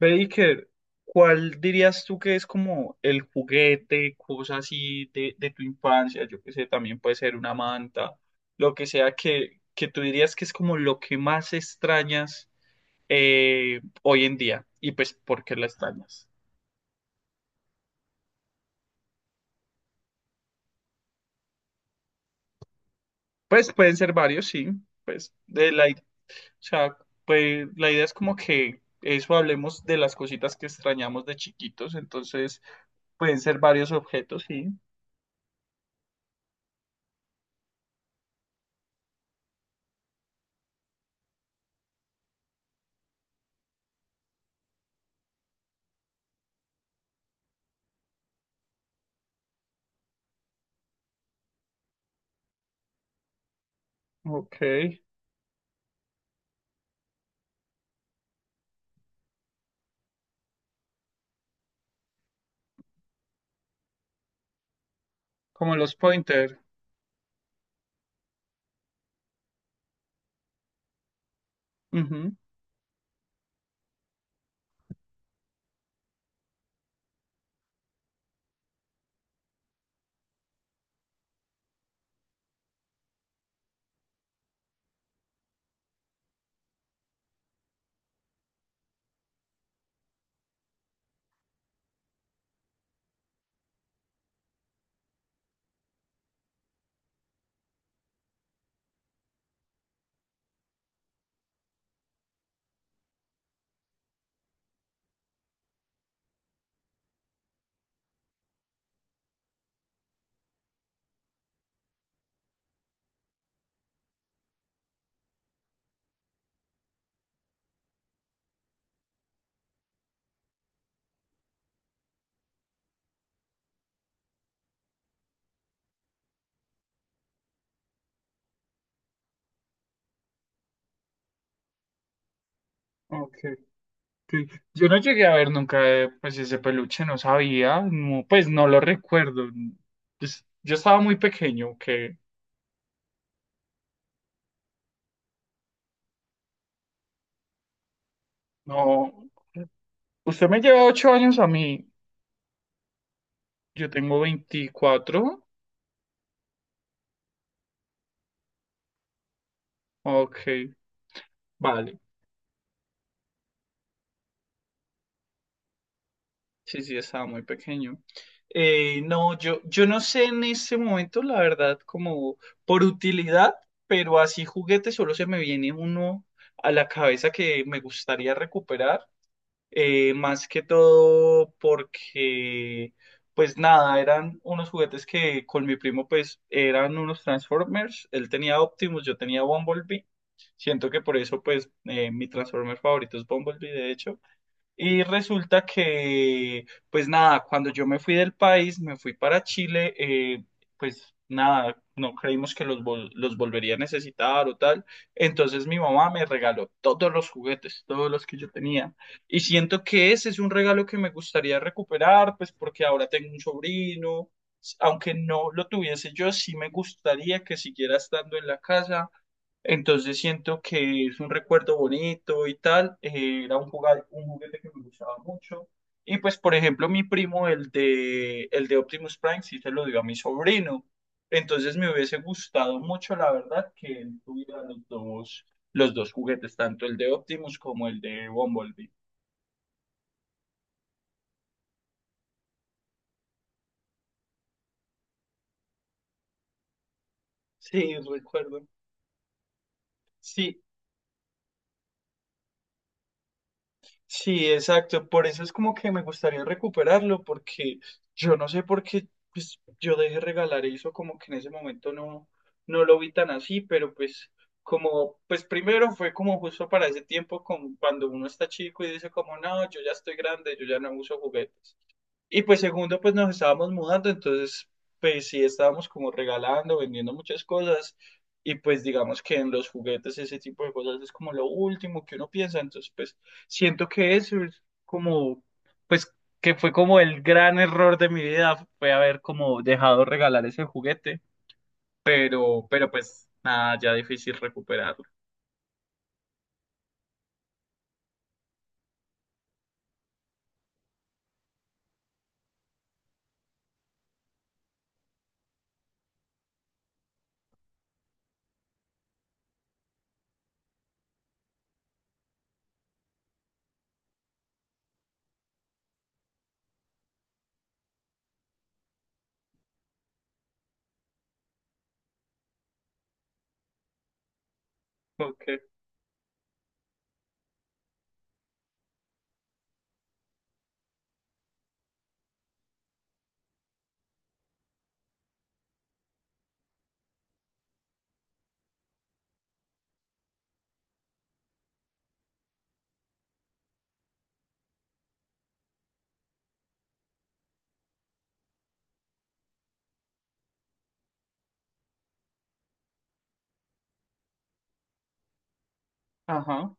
Baker, ¿cuál dirías tú que es como el juguete, cosa así de tu infancia? Yo que sé, también puede ser una manta, lo que sea que tú dirías que es como lo que más extrañas hoy en día. Y pues, ¿por qué la extrañas? Pues pueden ser varios, sí. Pues, de la, i- o sea, pues la idea es como que eso hablemos de las cositas que extrañamos de chiquitos. Entonces, pueden ser varios objetos, sí. Ok. Como los pointer. Ujú. Ok, ok. Yo no llegué a ver nunca pues ese peluche, no sabía, no, pues no lo recuerdo. Pues, yo estaba muy pequeño, que no. Usted me lleva 8 años a mí, yo tengo 24. Ok, vale. Sí, sí, estaba muy pequeño. No, yo no sé en este momento, la verdad, como por utilidad, pero así juguete solo se me viene uno a la cabeza que me gustaría recuperar. Más que todo porque, pues nada, eran unos juguetes que con mi primo, pues eran unos Transformers. Él tenía Optimus, yo tenía Bumblebee. Siento que por eso, pues, mi Transformer favorito es Bumblebee, de hecho. Y resulta que, pues nada, cuando yo me fui del país, me fui para Chile, pues nada, no creímos que los volvería a necesitar o tal. Entonces mi mamá me regaló todos los juguetes, todos los que yo tenía. Y siento que ese es un regalo que me gustaría recuperar, pues porque ahora tengo un sobrino. Aunque no lo tuviese yo, sí me gustaría que siguiera estando en la casa, entonces siento que es un recuerdo bonito y tal. Era un, un juguete que me gustaba mucho. Y pues, por ejemplo, mi primo, el de Optimus Prime, sí se lo dio a mi sobrino. Entonces me hubiese gustado mucho, la verdad, que él tuviera los dos juguetes, tanto el de Optimus como el de Bumblebee. Sí, recuerdo. Sí, sí, exacto. Por eso es como que me gustaría recuperarlo, porque yo no sé por qué pues, yo dejé regalar eso, como que en ese momento no, no lo vi tan así, pero pues como, pues primero fue como justo para ese tiempo, como cuando uno está chico y dice como, no, yo ya estoy grande, yo ya no uso juguetes. Y pues segundo, pues nos estábamos mudando, entonces pues sí estábamos como regalando, vendiendo muchas cosas y pues digamos que en los juguetes ese tipo de cosas es como lo último que uno piensa, entonces pues siento que eso es como pues que fue como el gran error de mi vida, fue haber como dejado regalar ese juguete, pero pues nada, ya difícil recuperarlo. Ok, ajá,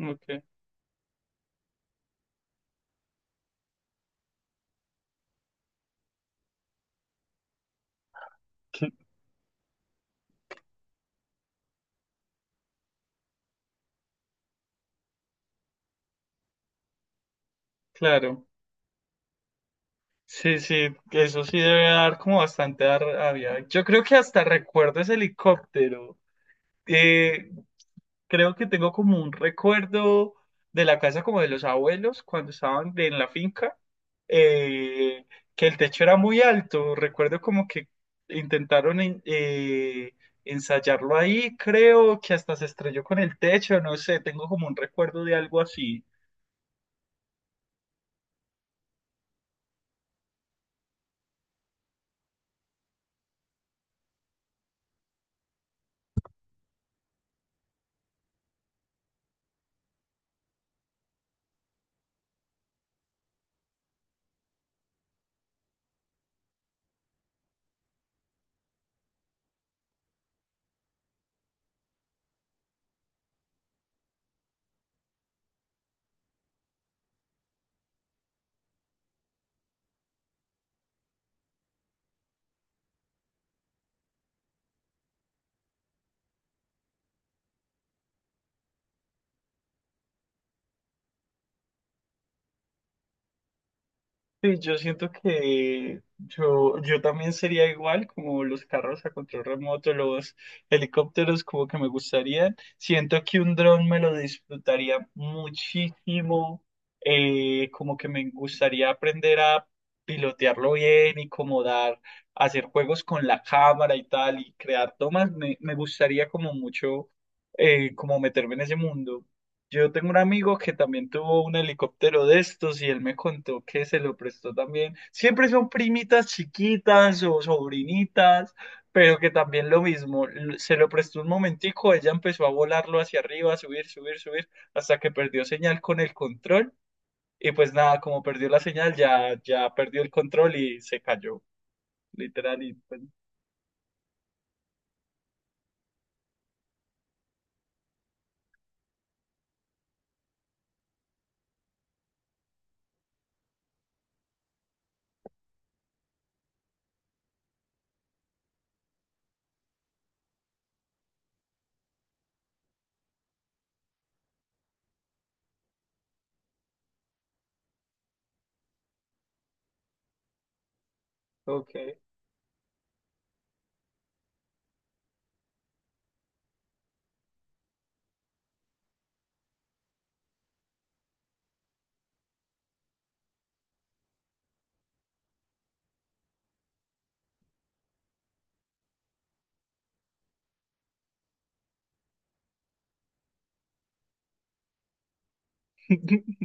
ok, claro. Sí, sí, eso sí debe dar como bastante rabia. Yo creo que hasta recuerdo ese helicóptero. Eh, Creo que tengo como un recuerdo de la casa como de los abuelos cuando estaban en la finca, eh, que el techo era muy alto. Recuerdo como que intentaron ensayarlo ahí, creo que hasta se estrelló con el techo, no sé, tengo como un recuerdo de algo así. Sí, yo siento que yo también sería igual como los carros a control remoto, los helicópteros, como que me gustaría. Siento que un dron me lo disfrutaría muchísimo, como que me gustaría aprender a pilotearlo bien y como dar, hacer juegos con la cámara y tal y crear tomas. Me gustaría como mucho, como meterme en ese mundo. Yo tengo un amigo que también tuvo un helicóptero de estos y él me contó que se lo prestó también. Siempre son primitas chiquitas o sobrinitas, pero que también lo mismo. Se lo prestó un momentico, ella empezó a volarlo hacia arriba, a subir, subir, subir, hasta que perdió señal con el control. Y pues nada, como perdió la señal, ya, ya perdió el control y se cayó, literal. Y pues, ok.